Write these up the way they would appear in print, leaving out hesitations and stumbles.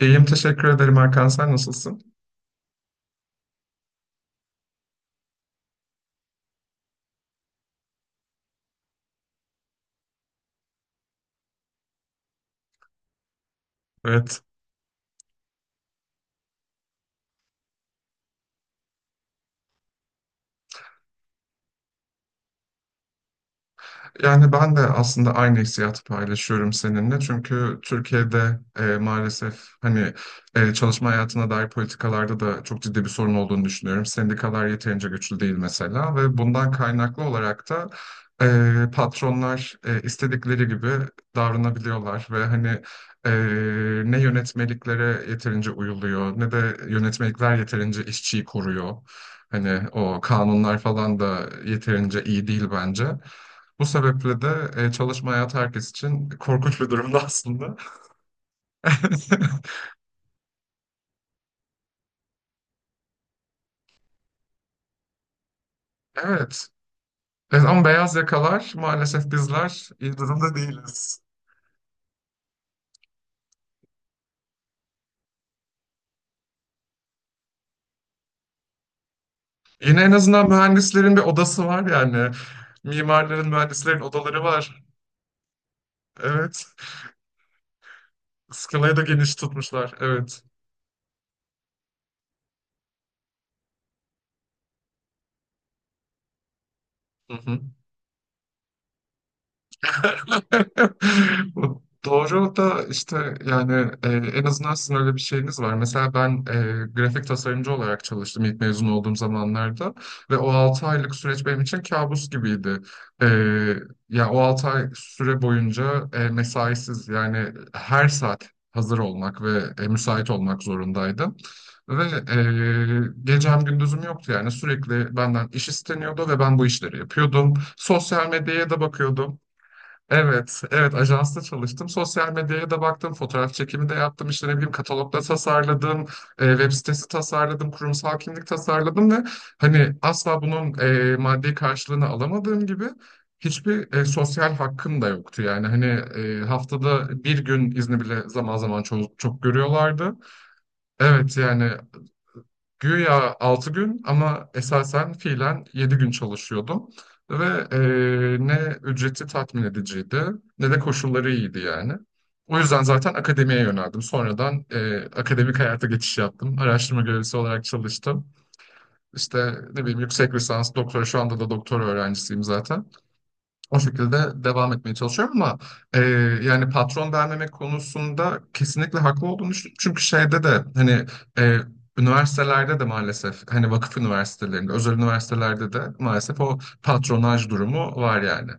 İyiyim teşekkür ederim Hakan sen nasılsın? Evet. Yani ben de aslında aynı hissiyatı paylaşıyorum seninle. Çünkü Türkiye'de maalesef hani çalışma hayatına dair politikalarda da çok ciddi bir sorun olduğunu düşünüyorum. Sendikalar yeterince güçlü değil mesela ve bundan kaynaklı olarak da patronlar istedikleri gibi davranabiliyorlar ve hani e, ne yönetmeliklere yeterince uyuluyor ne de yönetmelikler yeterince işçiyi koruyor. Hani o kanunlar falan da yeterince iyi değil bence. Bu sebeple de çalışma hayatı herkes için korkunç bir durumda aslında. Evet. Evet, ama beyaz yakalar maalesef bizler iyi durumda değiliz. Yine en azından mühendislerin bir odası var yani. Mimarların, mühendislerin odaları var. Evet. Skalayı da geniş tutmuşlar. Evet. Hı hı. Doğru da işte yani en azından sizin öyle bir şeyiniz var. Mesela ben grafik tasarımcı olarak çalıştım ilk mezun olduğum zamanlarda ve o 6 aylık süreç benim için kabus gibiydi. E, Ya o 6 ay süre boyunca mesaisiz yani her saat hazır olmak ve müsait olmak zorundaydım. Ve e, gecem gündüzüm yoktu yani sürekli benden iş isteniyordu ve ben bu işleri yapıyordum. Sosyal medyaya da bakıyordum. Evet, evet ajansta çalıştım. Sosyal medyaya da baktım, fotoğraf çekimi de yaptım, işte ne bileyim katalogda tasarladım, web sitesi tasarladım, kurumsal kimlik tasarladım ve hani asla bunun maddi karşılığını alamadığım gibi hiçbir sosyal hakkım da yoktu. Yani hani haftada bir gün izni bile zaman zaman çok, çok görüyorlardı. Evet yani Güya 6 gün ama esasen fiilen 7 gün çalışıyordum. Ve e, ne ücreti tatmin ediciydi ne de koşulları iyiydi yani. O yüzden zaten akademiye yöneldim. Sonradan akademik hayata geçiş yaptım. Araştırma görevlisi olarak çalıştım. İşte ne bileyim yüksek lisans, doktora şu anda da doktora öğrencisiyim zaten. O şekilde devam etmeye çalışıyorum ama e, yani patron vermemek konusunda kesinlikle haklı olduğunu düşünüyorum. Çünkü şeyde de hani e, üniversitelerde de maalesef hani vakıf üniversitelerinde, özel üniversitelerde de maalesef o patronaj durumu var yani.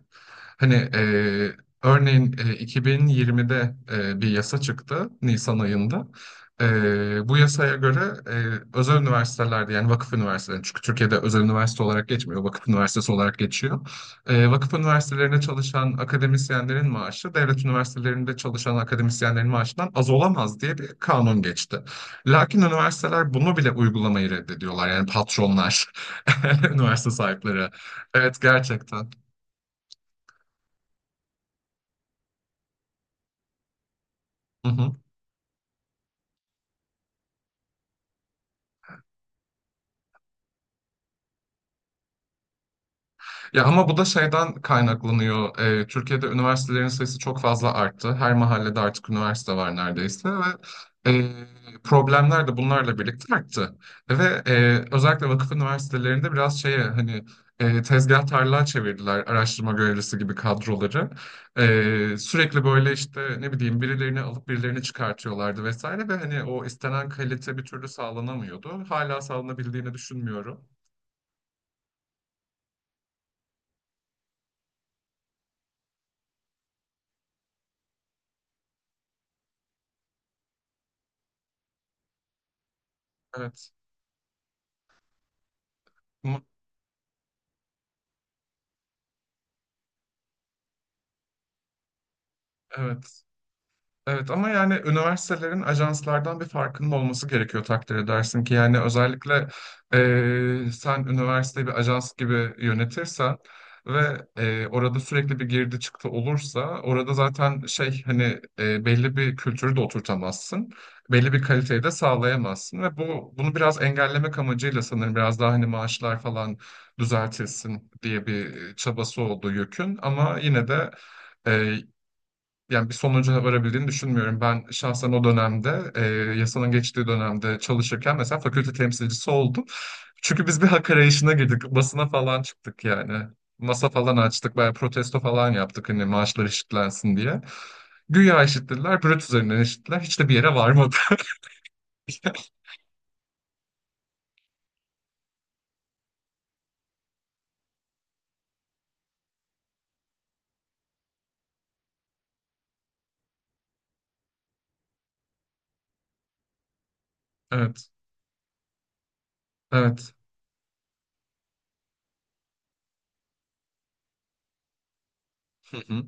Hani örneğin 2020'de bir yasa çıktı Nisan ayında. Bu yasaya göre özel üniversitelerde yani vakıf üniversiteleri çünkü Türkiye'de özel üniversite olarak geçmiyor, vakıf üniversitesi olarak geçiyor. Vakıf üniversitelerinde çalışan akademisyenlerin maaşı devlet üniversitelerinde çalışan akademisyenlerin maaşından az olamaz diye bir kanun geçti. Lakin üniversiteler bunu bile uygulamayı reddediyorlar. Yani patronlar, üniversite sahipleri. Evet gerçekten. Hı hı. Ya ama bu da şeyden kaynaklanıyor. Türkiye'de üniversitelerin sayısı çok fazla arttı. Her mahallede artık üniversite var neredeyse ve problemler de bunlarla birlikte arttı. Ve özellikle vakıf üniversitelerinde biraz şeye hani tezgah tarlağa çevirdiler araştırma görevlisi gibi kadroları. Sürekli böyle işte ne bileyim birilerini alıp birilerini çıkartıyorlardı vesaire ve hani o istenen kalite bir türlü sağlanamıyordu. Hala sağlanabildiğini düşünmüyorum. Evet. Mu- Evet. Evet ama yani üniversitelerin ajanslardan bir farkının olması gerekiyor takdir edersin ki yani özellikle sen üniversiteyi bir ajans gibi yönetirsen ve orada sürekli bir girdi çıktı olursa orada zaten şey hani belli bir kültürü de oturtamazsın. Belli bir kaliteyi de sağlayamazsın ve bu bunu biraz engellemek amacıyla sanırım biraz daha hani maaşlar falan düzeltilsin diye bir çabası oldu YÖK'ün ama yine de yani bir sonuca varabildiğini düşünmüyorum. Ben şahsen o dönemde, yasanın geçtiği dönemde çalışırken mesela fakülte temsilcisi oldum. Çünkü biz bir hak arayışına girdik. Basına falan çıktık yani. Masa falan açtık, bayağı protesto falan yaptık hani maaşlar eşitlensin diye. Güya eşitlediler, brüt üzerinden eşitlediler. Hiç de bir yere varmadı. Evet, evet. Hı hı.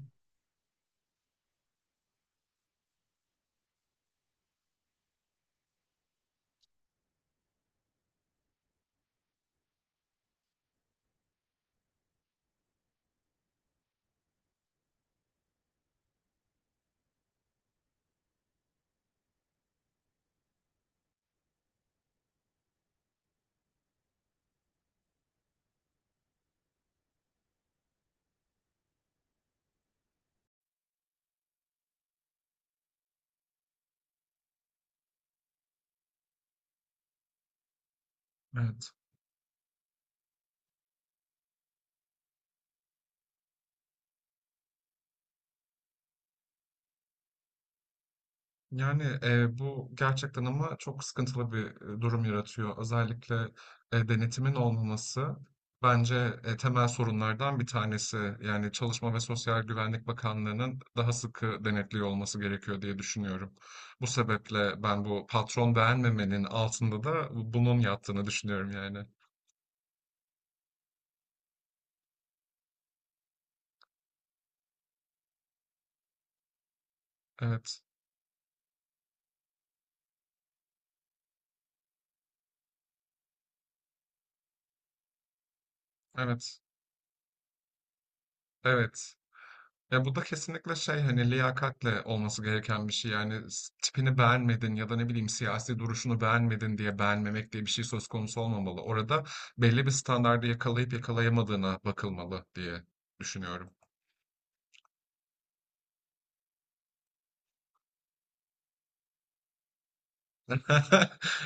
Evet. Yani, bu gerçekten ama çok sıkıntılı bir, durum yaratıyor. Özellikle, denetimin olmaması bence, temel sorunlardan bir tanesi. Yani, Çalışma ve Sosyal Güvenlik Bakanlığı'nın daha sıkı denetliyor olması gerekiyor diye düşünüyorum. Bu sebeple ben bu patron beğenmemenin altında da bunun yattığını düşünüyorum yani. Evet, evet, evet. Ya bu da kesinlikle şey hani liyakatle olması gereken bir şey. Yani tipini beğenmedin ya da ne bileyim siyasi duruşunu beğenmedin diye beğenmemek diye bir şey söz konusu olmamalı. Orada belli bir standardı yakalayıp yakalayamadığına bakılmalı diye düşünüyorum.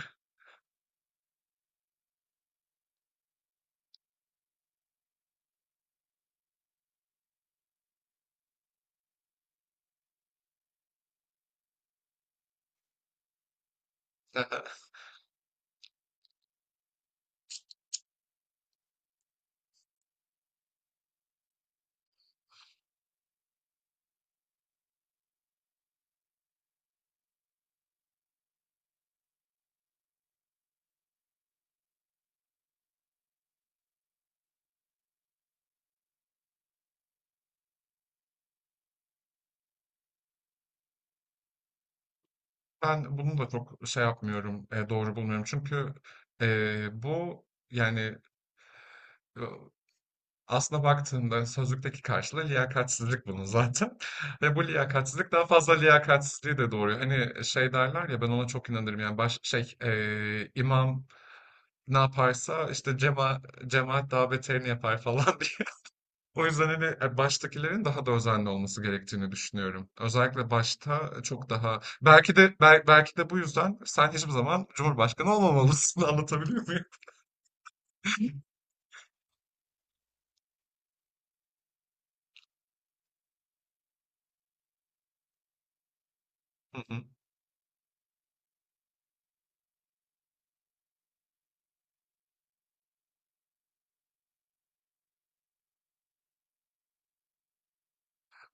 Ben bunu da çok şey yapmıyorum, doğru bulmuyorum. Çünkü bu yani Aslına baktığında sözlükteki karşılığı liyakatsizlik bunun zaten ve bu liyakatsizlik daha fazla liyakatsizliği de doğuruyor. Hani şey derler ya ben ona çok inanırım yani baş, şey imam ne yaparsa işte cemaat daha beterini yapar falan diye. O yüzden hani baştakilerin daha da özenli olması gerektiğini düşünüyorum. Özellikle başta çok daha belki de belki de bu yüzden sen hiçbir zaman Cumhurbaşkanı olmamalısın anlatabiliyor muyum? Hı hı.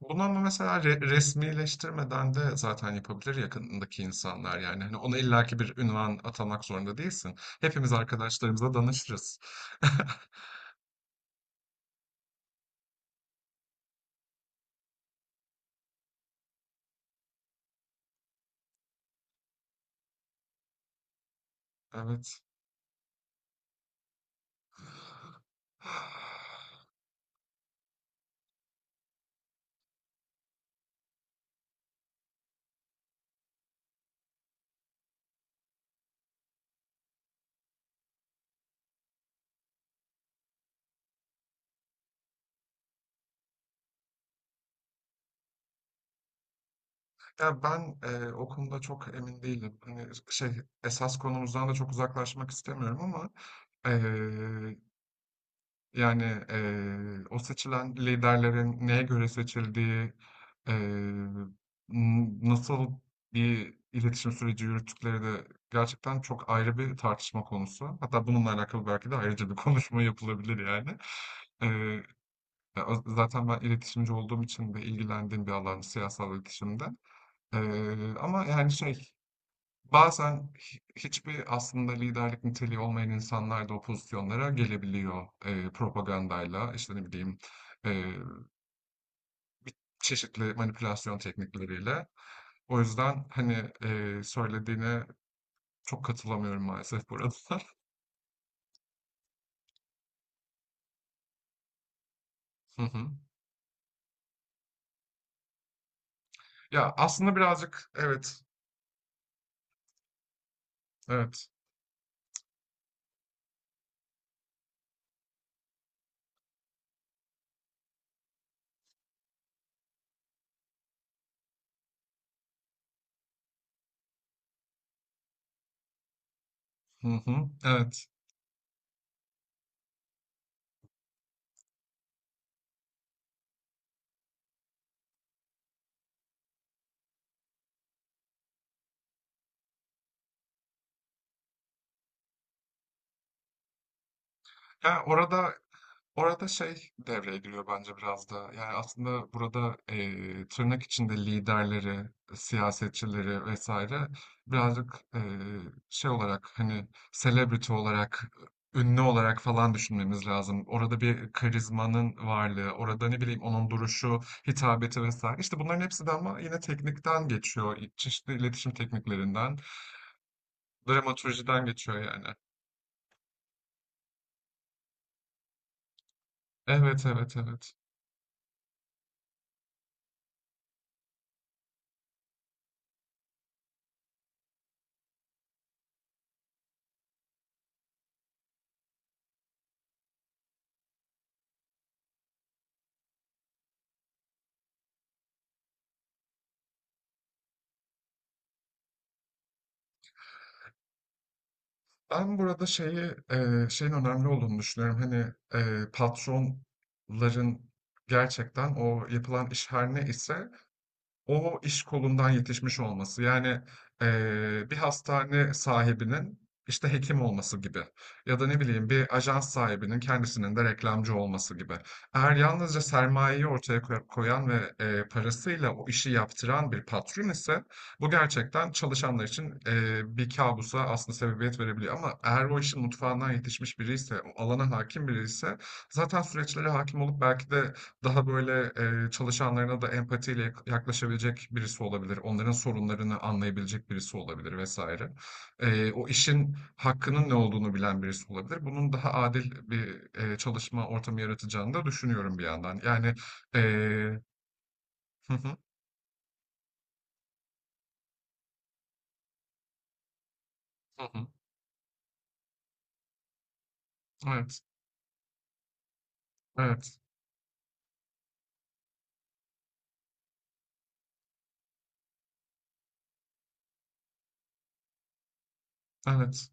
Bunu ama mesela resmileştirmeden de zaten yapabilir yakınındaki insanlar yani. Hani ona illaki bir ünvan atamak zorunda değilsin. Hepimiz arkadaşlarımıza danışırız. Evet. Ya ben o konuda çok emin değilim. Hani şey esas konumuzdan da çok uzaklaşmak istemiyorum ama e, Yani, o seçilen liderlerin neye göre seçildiği, eee, n nasıl bir iletişim süreci yürüttükleri de gerçekten çok ayrı bir tartışma konusu. Hatta bununla alakalı belki de ayrıca bir konuşma yapılabilir yani. Eee, Ya, o zaten ben iletişimci olduğum için de ilgilendiğim bir alan siyasal iletişimde. Ama yani şey, Bazen hiçbir aslında liderlik niteliği olmayan insanlar da o pozisyonlara gelebiliyor. Propagandayla, işte ne bileyim, eee, bir çeşitli manipülasyon teknikleriyle. O yüzden hani söylediğine çok katılamıyorum maalesef burada. Hı hı. Ya aslında birazcık evet, evet. Hı hı, evet. Ya orada şey devreye giriyor bence biraz da. Yani aslında burada tırnak içinde liderleri, siyasetçileri vesaire birazcık şey olarak hani celebrity olarak, ünlü olarak falan düşünmemiz lazım. Orada bir karizmanın varlığı, orada ne bileyim onun duruşu, hitabeti vesaire. İşte bunların hepsi de ama yine teknikten geçiyor. Çeşitli iletişim tekniklerinden, dramaturjiden geçiyor yani. Evet, evet, evet. Ben burada şeyi şeyin önemli olduğunu düşünüyorum. Hani patronların gerçekten o yapılan iş her ne ise o iş kolundan yetişmiş olması yani bir hastane sahibinin işte hekim olması gibi ya da ne bileyim bir ajans sahibinin kendisinin de reklamcı olması gibi. Eğer yalnızca sermayeyi ortaya koyan ve parasıyla o işi yaptıran bir patron ise bu gerçekten çalışanlar için bir kabusa aslında sebebiyet verebiliyor. Ama eğer o işin mutfağından yetişmiş biri ise, o alana hakim biri ise zaten süreçlere hakim olup belki de daha böyle, çalışanlarına da empatiyle yaklaşabilecek birisi olabilir. Onların sorunlarını anlayabilecek birisi olabilir vesaire. O işin hakkının ne olduğunu bilen birisi olabilir. Bunun daha adil bir, çalışma ortamı yaratacağını da düşünüyorum bir yandan. Yani, eee Hı hı. Hı hı. Evet. Evet. Evet.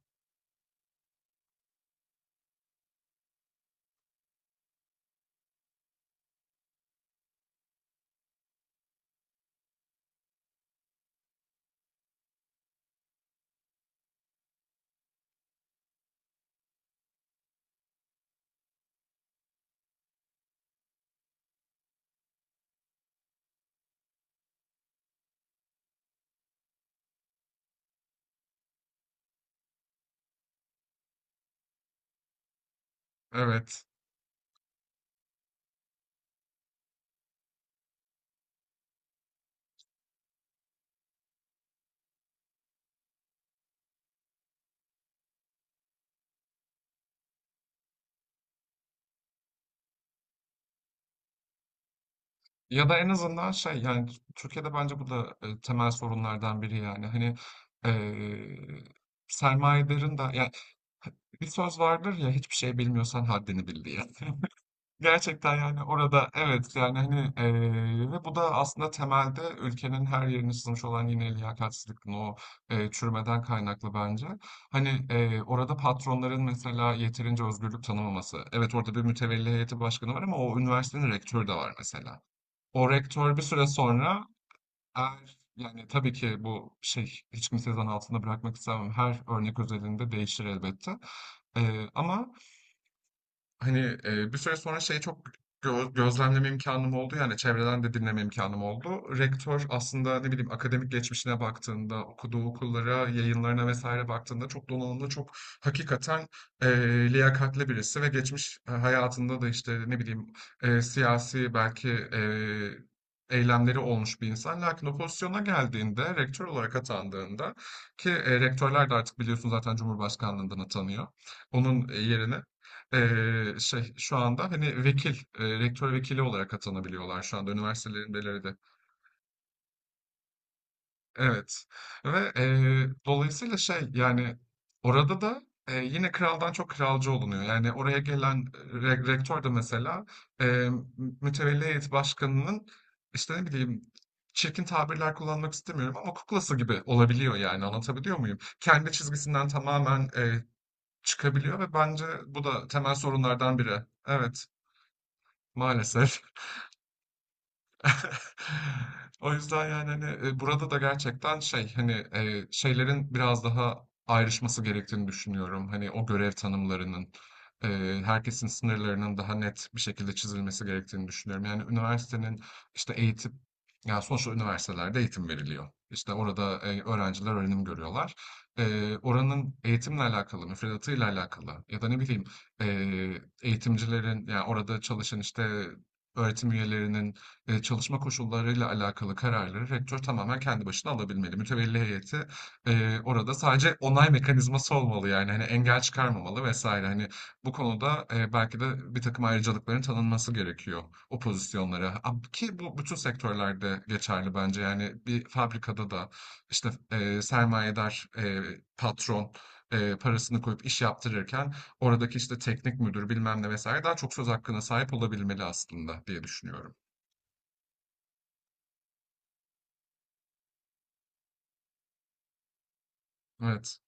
Evet. Ya da en azından şey, yani, Türkiye'de bence bu da, temel sorunlardan biri yani. Hani, eee, sermayedarın da ya Bir söz vardır ya hiçbir şey bilmiyorsan haddini bil diye. Gerçekten yani orada evet yani hani ve bu da aslında temelde ülkenin her yerine sızmış olan yine liyakatsizlikin o çürümeden kaynaklı bence. Hani orada patronların mesela yeterince özgürlük tanımaması. Evet orada bir mütevelli heyeti başkanı var ama o üniversitenin rektörü de var mesela. O rektör bir süre sonra eğer yani tabii ki bu şey hiç kimseyi zan altında bırakmak istemem. Her örnek özelinde değişir elbette. Ama Hani bir süre sonra şey çok gözlemleme imkanım oldu yani çevreden de dinleme imkanım oldu. Rektör aslında ne bileyim akademik geçmişine baktığında, okuduğu okullara, yayınlarına vesaire baktığında çok donanımlı, çok hakikaten e, liyakatli birisi ve geçmiş hayatında da işte ne bileyim siyasi belki eylemleri olmuş bir insan. Lakin o pozisyona geldiğinde, rektör olarak atandığında ki rektörler de artık biliyorsun zaten Cumhurbaşkanlığından atanıyor onun yerine. Şey şu anda hani vekil, rektör vekili olarak atanabiliyorlar şu anda üniversitelerin belirledi. Evet. Ve dolayısıyla şey yani orada da yine kraldan çok kralcı olunuyor. Yani oraya gelen rektör de mesela eee mütevelli heyet başkanının işte ne bileyim çirkin tabirler kullanmak istemiyorum ama kuklası gibi olabiliyor yani anlatabiliyor muyum? Kendi çizgisinden tamamen çıkabiliyor ve bence bu da temel sorunlardan biri. Evet. Maalesef. O yüzden yani hani burada da gerçekten şey hani şeylerin biraz daha ayrışması gerektiğini düşünüyorum. Hani o görev tanımlarının e, herkesin sınırlarının daha net bir şekilde çizilmesi gerektiğini düşünüyorum. Yani üniversitenin işte eğitim yani sonuçta üniversitelerde eğitim veriliyor. İşte orada öğrenciler öğrenim görüyorlar. Oranın eğitimle alakalı, müfredatıyla alakalı ya da ne bileyim e, eğitimcilerin yani orada çalışan işte öğretim üyelerinin çalışma koşullarıyla alakalı kararları rektör tamamen kendi başına alabilmeli. Mütevelli heyeti, orada sadece onay mekanizması olmalı, yani, hani, engel çıkarmamalı vesaire Hani, bu konuda, belki de bir takım ayrıcalıkların tanınması gerekiyor o pozisyonlara. A ki bu bütün sektörlerde geçerli bence. Yani, bir fabrikada da, işte, sermayedar, patron, parasını koyup iş yaptırırken oradaki, işte, teknik müdür bilmem ne vesaire daha çok söz hakkına sahip olabilmeli aslında diye düşünüyorum. Evet.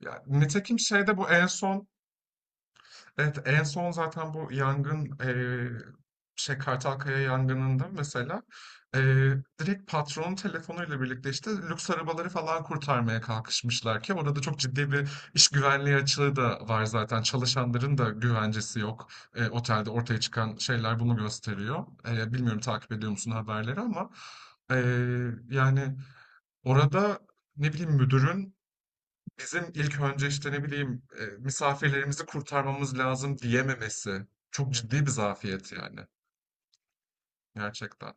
Ya, nitekim şeyde bu en son evet en son zaten bu yangın şey Kartalkaya yangınında mesela direkt patronun telefonuyla birlikte işte lüks arabaları falan kurtarmaya kalkışmışlar ki orada çok ciddi bir iş güvenliği açığı da var zaten çalışanların da güvencesi yok Otelde ortaya çıkan şeyler bunu gösteriyor. Bilmiyorum takip ediyor musun haberleri ama yani orada ne bileyim müdürün Bizim ilk önce işte ne bileyim misafirlerimizi kurtarmamız lazım diyememesi çok ciddi bir zafiyet yani gerçekten.